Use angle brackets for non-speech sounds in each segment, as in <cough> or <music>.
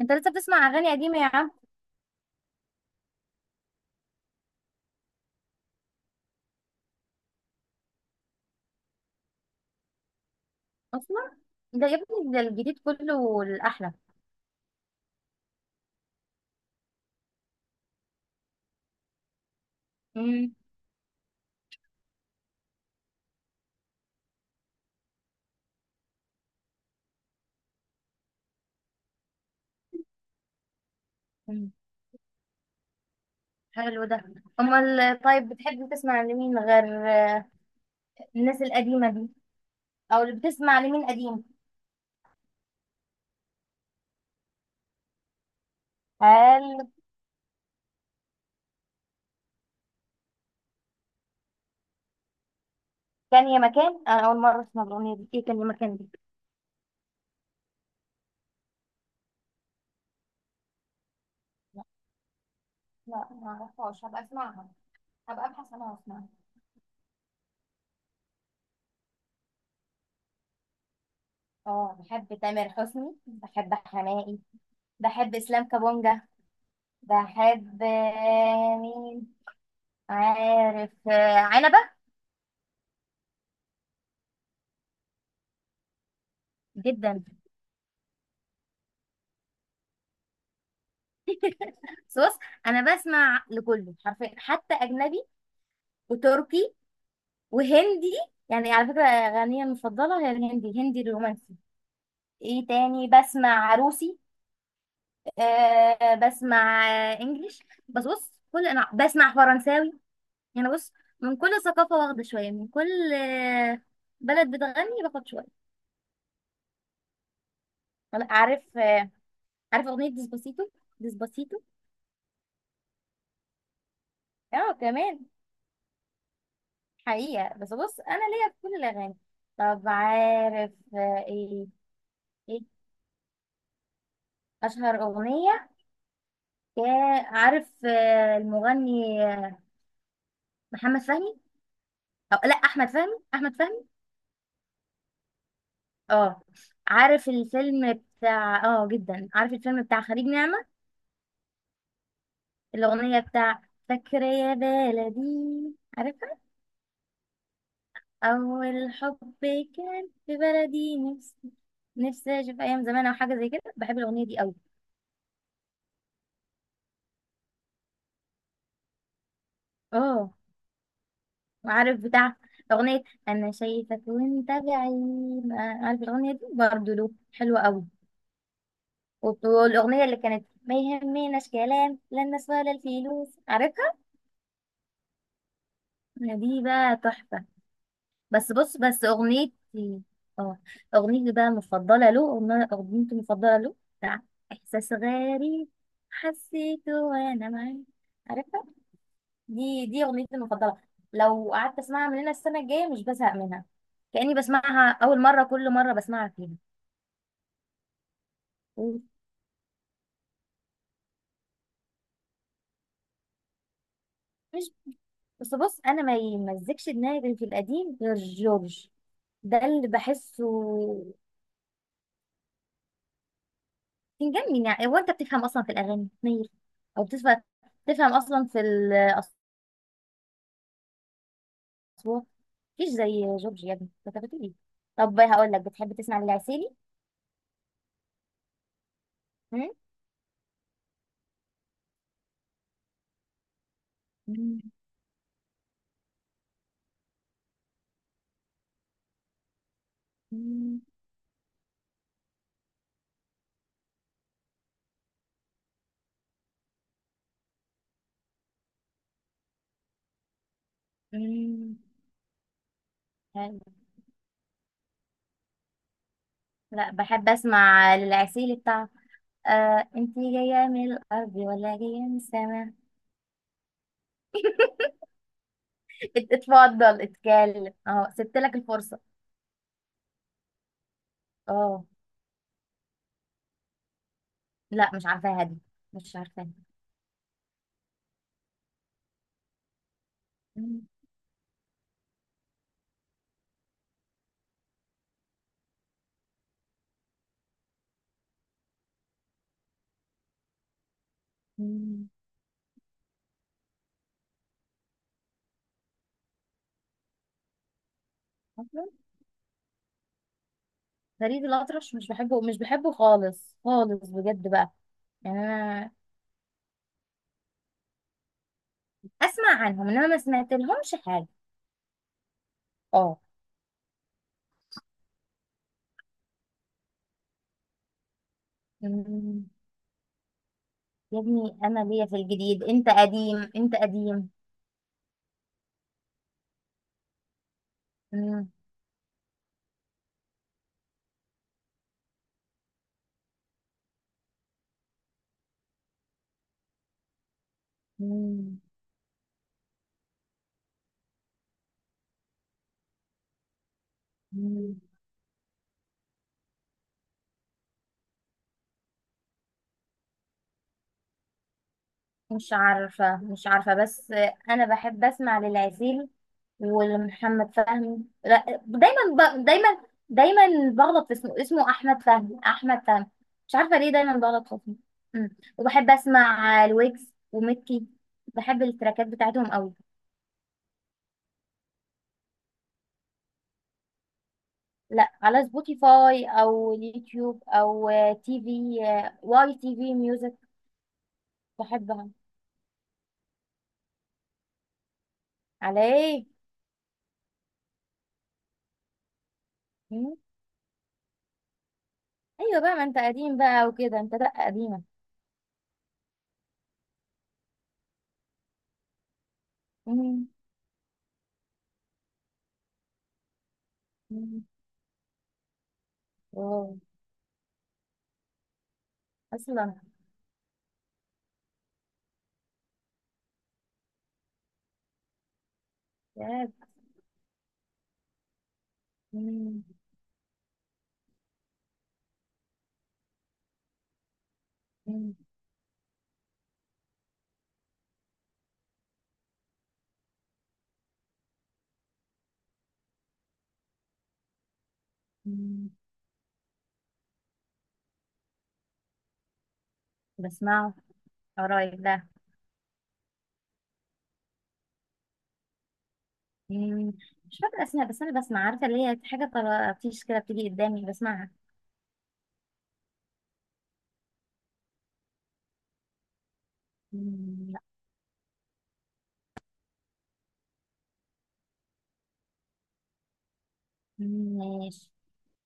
انت لسه بتسمع اغاني قديمه يا عم؟ اصلا. ده يا ابني، ده الجديد كله الاحلى. امم. أمم. حلو ده. امال طيب، بتحب تسمع لمين غير الناس القديمه دي؟ او اللي بتسمع لمين قديم؟ هل كان يا مكان، انا اول مره اسمع الاغنيه دي، ايه كان يا مكان دي؟ لا، لا، ما اعرفهاش، هبقى اسمعها. هبقى ابحث عنها واسمعها. اه، بحب تامر حسني، بحب حماقي، بحب اسلام كابونجا، بحب مين، عارف عنبه. جدا. بس بص، انا بسمع لكله حرفيا، حتى اجنبي وتركي وهندي. يعني على فكره، اغانيه المفضله هي الهندي، الهندي الرومانسي. ايه تاني؟ بسمع روسي. بسمع انجليش. بس بص، كل انا بسمع فرنساوي. يعني بص، من كل ثقافه واخده شويه، من كل بلد بتغني باخد شويه. انا عارف، عارف اغنيه ديسباسيتو. ديسباسيتو. اه كمان. حقيقه، بس بص، انا ليا في كل الاغاني. طب عارف ايه؟ إيه؟ اشهر اغنيه. يا عارف المغني محمد فهمي، أو لا، احمد فهمي، احمد فهمي. اه، عارف الفيلم بتاع جدا، عارف الفيلم بتاع خليج نعمة؟ الاغنيه بتاع فاكرة يا بلدي، عارفها؟ اول حب، كان في بلدي، نفسي. نفسي اشوف ايام زمان او حاجه زي كده، بحب الاغنيه دي قوي. اه، وعارف بتاع اغنيه انا شايفك وانت بعيد؟ عارف الاغنيه دي برضه له حلوه قوي. والأغنية اللي كانت ما يهمناش كلام لا الناس ولا الفلوس، عارفها؟ دي بقى تحفة. بس بص، بس أغنيتي. اه، أغنيتي بقى المفضلة له، أغنيتي المفضلة له بتاع إحساس غريب، حسيته وأنا معاك، عارفها؟ دي أغنيتي المفضلة. لو قعدت أسمعها من هنا السنة الجاية مش بزهق منها. كأني بسمعها أول مرة كل مرة بسمعها فيها. مش بس بص، أنا ما يمزكش دماغي في القديم غير جورج، ده اللي بحسه. بيجنن. يعني هو انت بتفهم اصلا في الاغاني منير؟ او بتفهم، بتفهم اصلا في الاصوات؟ مفيش زي جورج، يا ابني انت بتقول ايه؟ طب هقول لك، بتحب تسمع للعسيلي؟ هم؟ مم. مم. مم. حلو. لا، بحب اسمع للعسيلي بتاع انت جايه من الارض ولا جايه من السماء. <laughs> اتفضل اتكلم، اهو سبت لك الفرصه. اه. لا، مش عارفاها دي، مش عارفاها. مم. مم. فريد الأطرش، مش بحبه، مش بحبه، خالص خالص، بجد بقى. يعني أنا أسمع عنهم إنما ما سمعت لهمش حاجة. اه. أمم. يا ابني أنا ليا في الجديد، أنت قديم، أنت قديم. أمم. أمم. أمم. مش عارفة، مش عارفة، بس أنا بحب أسمع للعسيل ولمحمد فهمي، لا دايما. دايما، دايما، بغلط في اسمه، اسمه أحمد فهمي، أحمد فهمي. مش عارفة ليه دايما بغلط في اسمه. أمم. وبحب أسمع الويجز وميكي، بحب التراكات بتاعتهم قوي. لا، على سبوتيفاي أو اليوتيوب أو تي في، واي تي في ميوزك، بحبها. على إيه؟ أمم. أيوة بقى، ما أنت قديم بقى وكده، أنت لأ، قديمة. أمم. واو. اصلا. ياه. مم. مم. مم. بسمعه، قرايب ده. مم. مش فاكره اسمها، بس انا بسمع، عارفه اللي هي حاجه طرطيش كده بتيجي قدامي بسمعها. مم. لا. مم. ماشي.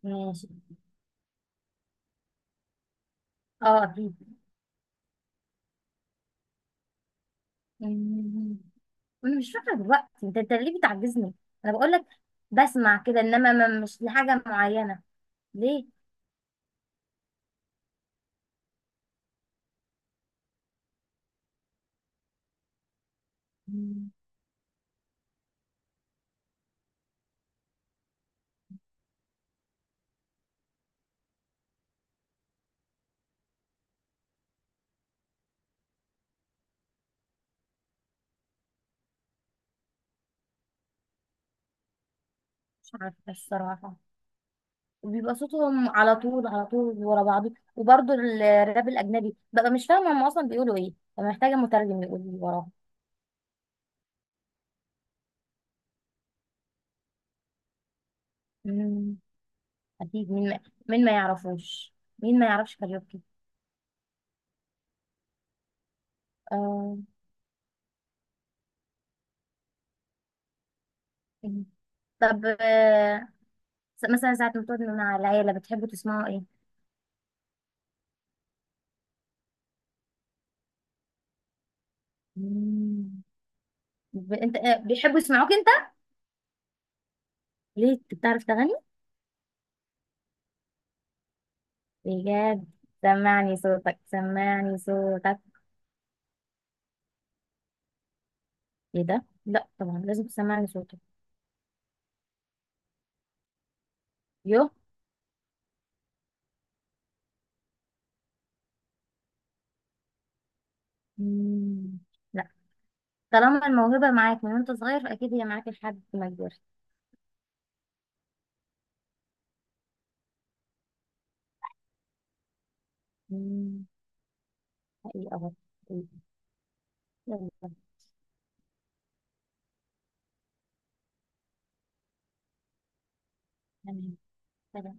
ماشي. اه، اكيد. مم. انا مش فاكره دلوقتي، انت ليه بتعجزني؟ انا بقول لك بسمع كده، انما ما مش لحاجه معينه. ليه. مم. مش عارفه الصراحه. بيبقى صوتهم على طول على طول ورا بعضه، وبرضه الراب الاجنبي ببقى مش فاهمه هم اصلا بيقولوا ايه، ببقى محتاجه مترجم يقول لي وراهم. مم. اكيد، مين ما يعرفوش مين ما يعرفش كاريوكي. آه. مم. طب مثلا ساعه ما تقعدوا مع العيله بتحبوا تسمعوا ايه؟ مم. انت بيحبوا يسمعوك انت؟ ليه انت بتعرف تغني؟ بجد؟ سمعني صوتك، سمعني صوتك. ايه ده، لا طبعا، لازم تسمعني صوتك. يو. مم. طالما الموهبة معاك من وانت صغير فأكيد هي معاك لحد ما كبرت. مم. حقيقة برضه. حقيقة. يلا. تمام. سلام.